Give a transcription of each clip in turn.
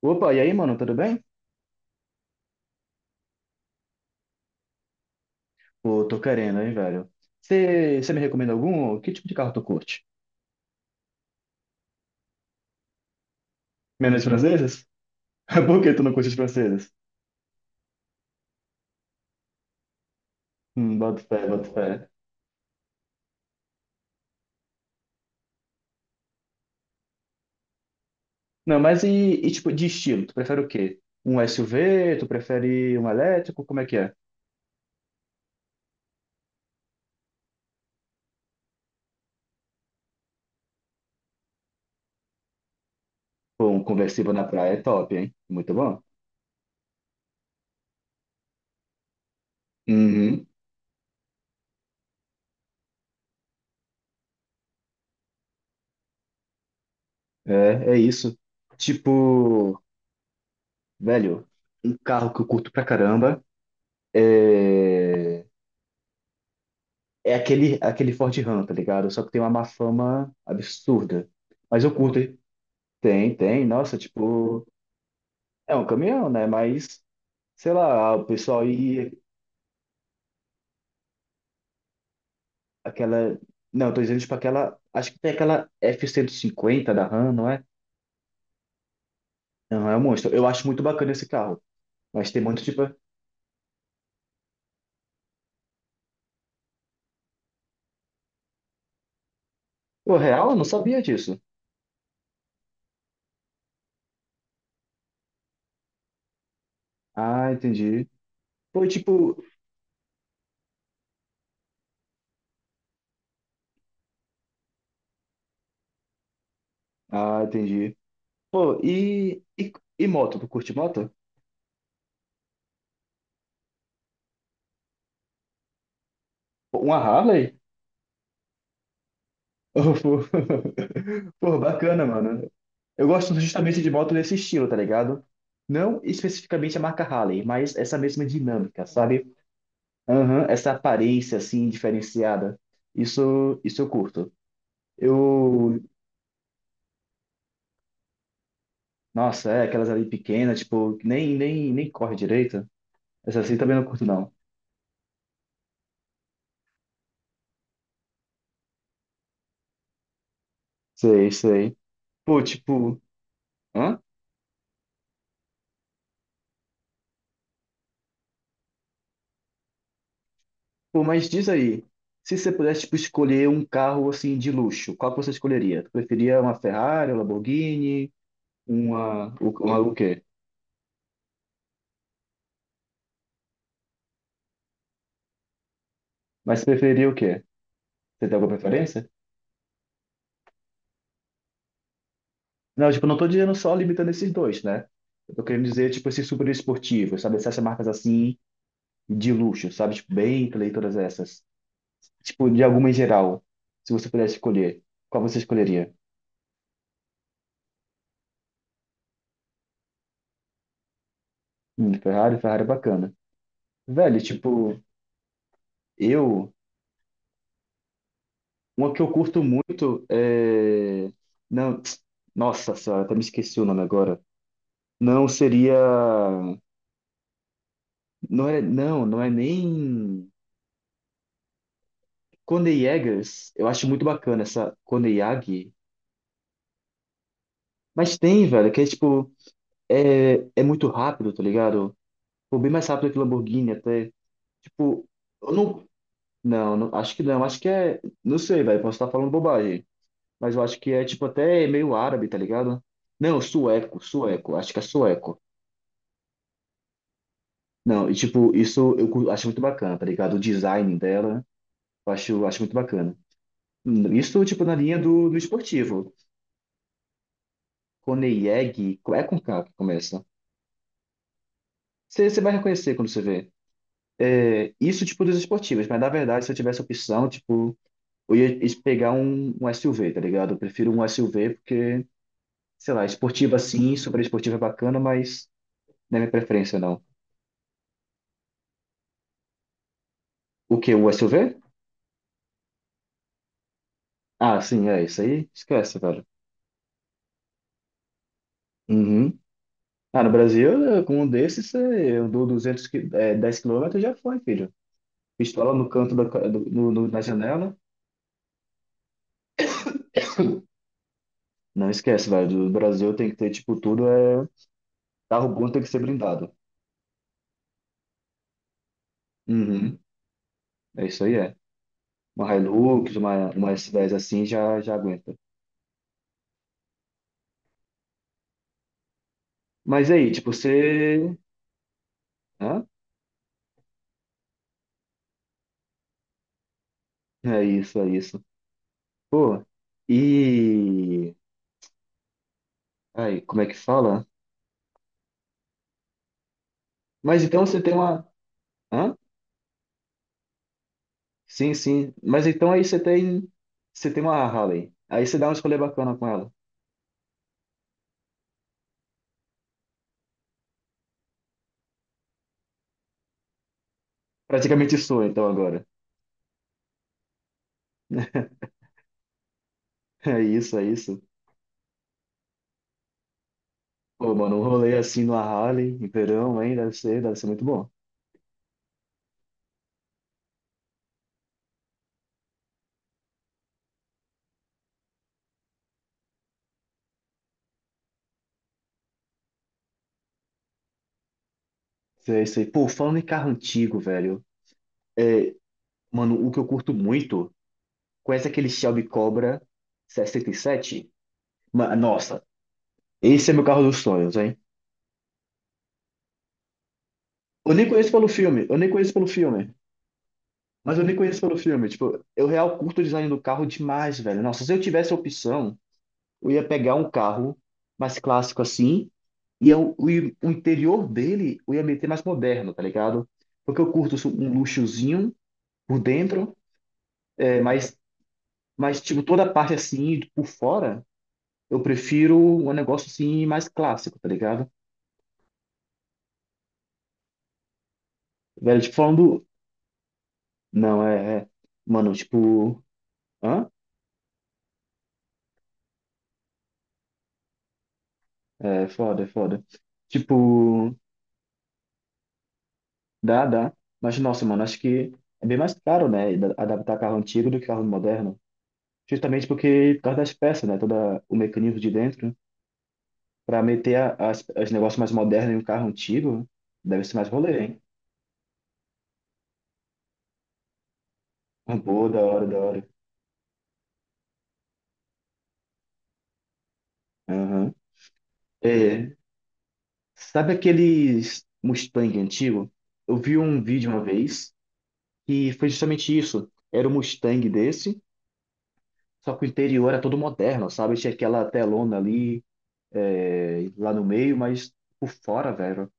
Opa, e aí, mano, tudo bem? Pô, tô querendo, hein, velho. Você me recomenda algum? Que tipo de carro tu curte? Menos franceses? Por que tu não curte os franceses? Boto fé, boto fé. Não, mas e tipo de estilo? Tu prefere o quê? Um SUV? Tu prefere um elétrico? Como é que é? Pô, um conversível na praia é top, hein? Muito bom. Uhum. É isso. Tipo, velho, um carro que eu curto pra caramba é. É aquele Ford Ram, tá ligado? Só que tem uma má fama absurda. Mas eu curto, hein? Tem, tem. Nossa, tipo, é um caminhão, né? Mas, sei lá, o pessoal ia. Aquela. Não, eu tô dizendo, tipo, aquela. Acho que tem aquela f cento e cinquenta da Ram, não é? Não, é um monstro. Eu acho muito bacana esse carro. Mas tem muito, tipo. Pô, real? Eu não sabia disso. Ah, entendi. Pô, tipo. Ah, entendi. Pô, E, e moto? Tu curte moto? Pô, uma Harley? Pô, bacana, mano. Eu gosto justamente de moto nesse estilo, tá ligado? Não especificamente a marca Harley, mas essa mesma dinâmica, sabe? Aham, essa aparência, assim, diferenciada. Isso eu curto. Eu, nossa, é, aquelas ali pequenas, tipo, que nem corre direito. Essa assim também não curto, não. Sei, sei. Pô, tipo, hã? Pô, mas diz aí, se você pudesse, tipo, escolher um carro, assim, de luxo, qual que você escolheria? Preferia uma Ferrari, uma Lamborghini? Uma o quê? Mas você preferia o quê? Você tem alguma preferência? Não, tipo, eu não tô dizendo só limitando esses dois, né? Eu tô querendo dizer, tipo, esses super esportivos, sabe? Essas marcas assim, de luxo, sabe? Tipo, Bentley e todas essas. Tipo, de alguma em geral, se você pudesse escolher, qual você escolheria? Ferrari, Ferrari é bacana. Velho, tipo, eu, uma que eu curto muito é... Não, nossa senhora, até me esqueci o nome agora. Não seria... Não é, não, não é nem. Cone Jägers, eu acho muito bacana essa Cone Yagi. Mas tem, velho, que é tipo, é muito rápido, tá ligado? Pô, bem mais rápido que Lamborghini até. Tipo, eu não. Não, acho que não, acho que é. Não sei, velho, posso estar falando bobagem. Mas eu acho que é, tipo, até meio árabe, tá ligado? Não, sueco, sueco, acho que é sueco. Não, e tipo, isso eu acho muito bacana, tá ligado? O design dela, eu acho muito bacana. Isso, tipo, na linha do esportivo. Koneyeg, é com K que começa. Você vai reconhecer quando você vê. É, isso, tipo, dos esportivos, mas na verdade, se eu tivesse opção, tipo, eu ia pegar um SUV, tá ligado? Eu prefiro um SUV porque, sei lá, esportiva sim, super esportiva é bacana, mas não é minha preferência, não. O quê? O SUV? Ah, sim, é isso aí. Esquece, velho. Uhum. Ah, no Brasil, com um desses, é, eu dou 200, é, 10 quilômetros já foi, filho. Pistola no canto da, do, no, na janela. Não esquece, velho. Do Brasil tem que ter, tipo, tudo é. Carro bom tem que ser blindado. Uhum. É isso aí, é. Uma Hilux, uma S10 assim já, já aguenta. Mas aí, tipo, você. Hã? É isso, é isso. Pô, e. Aí, como é que fala? Mas então você tem uma. Hã? Sim, sim. Mas então aí você tem. Você tem uma Harley. Aí você dá uma escolha bacana com ela. Praticamente sua, então, agora. É isso, é isso. Pô, mano, um rolê assim numa Harley, em verão, hein? Deve ser muito bom. É isso aí. Pô, falando em carro antigo, velho. É, mano, o que eu curto muito. Conhece aquele Shelby Cobra 67? Nossa, esse é meu carro dos sonhos, hein? Eu nem conheço pelo filme, eu nem conheço pelo filme. Mas eu nem conheço pelo filme. Tipo, eu real curto o design do carro demais, velho. Nossa, se eu tivesse a opção, eu ia pegar um carro mais clássico assim, e o interior dele eu ia meter mais moderno, tá ligado? Porque eu curto um luxozinho por dentro, é, mas, tipo, toda a parte assim, por fora, eu prefiro um negócio assim mais clássico, tá ligado? Velho, tipo, falando. Não, é, é. Mano, tipo. Hã? É foda, é foda. Tipo, dá, dá. Mas, nossa, mano, acho que é bem mais caro, né? Adaptar carro antigo do que carro moderno. Justamente porque, por causa das peças, né? Todo o mecanismo de dentro. Pra meter as, os negócios mais modernos em um carro antigo, deve ser mais rolê, hein? Ah, boa, da hora, da hora. Aham. É, sabe aqueles Mustang antigo? Eu vi um vídeo uma vez. E foi justamente isso. Era um Mustang desse, só que o interior era todo moderno, sabe? Tinha aquela telona ali, é, lá no meio, mas por fora, velho,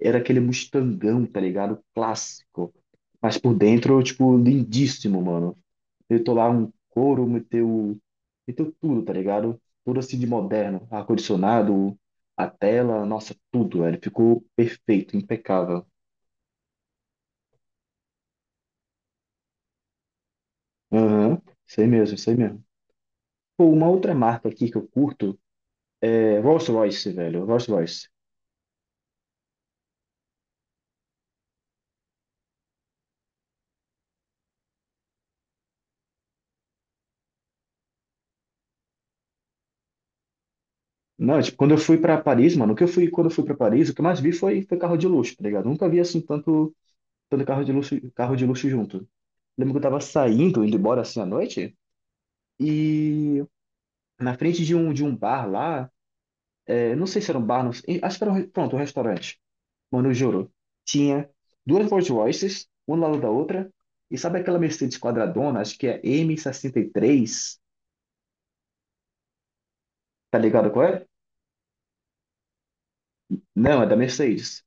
era aquele Mustangão, tá ligado? Clássico. Mas por dentro, tipo, lindíssimo, mano. Eu tô lá um couro, meteu tudo, tá ligado? Tudo assim de moderno. Ar-condicionado, a tela, nossa, tudo, velho. Ficou perfeito, impecável. Aham, sei mesmo, sei mesmo. Pô, uma outra marca aqui que eu curto é, Rolls-Royce, velho, Rolls-Royce. Não, tipo, quando eu fui pra Paris, mano, o que eu fui, quando eu fui pra Paris, o que eu mais vi foi, carro de luxo, tá ligado? Nunca vi, assim, tanto carro de luxo junto. Lembro que eu tava saindo, indo embora, assim, à noite, e na frente de um bar lá, é, não sei se era um bar, não sei, acho que era pronto, um restaurante. Mano, eu juro, tinha duas Rolls-Royces, uma do lado da outra, e sabe aquela Mercedes quadradona, acho que é m sessenta e três, tá ligado qual é? Não, é da Mercedes.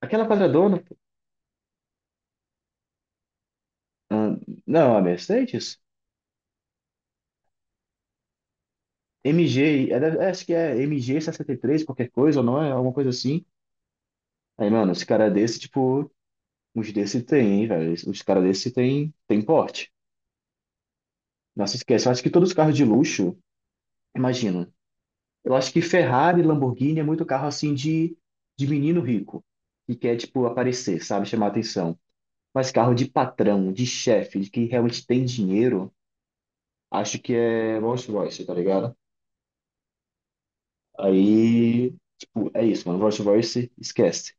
Aquela quadradona. Ah, não, a Mercedes? MG, é, acho que é mg três, qualquer coisa, ou não é? Alguma coisa assim. Aí, mano, esse cara desse, tipo, uns desse tem, hein, velho? Os caras desse tem porte. Nossa, esquece. Eu acho que todos os carros de luxo, imagina. Eu acho que Ferrari, Lamborghini é muito carro, assim, de, menino rico, que quer, tipo, aparecer, sabe? Chamar atenção. Mas carro de patrão, de chefe, de que realmente tem dinheiro, acho que é Rolls Royce, tá ligado? Aí, tipo, é isso, mano. Verse to Verse, esquece.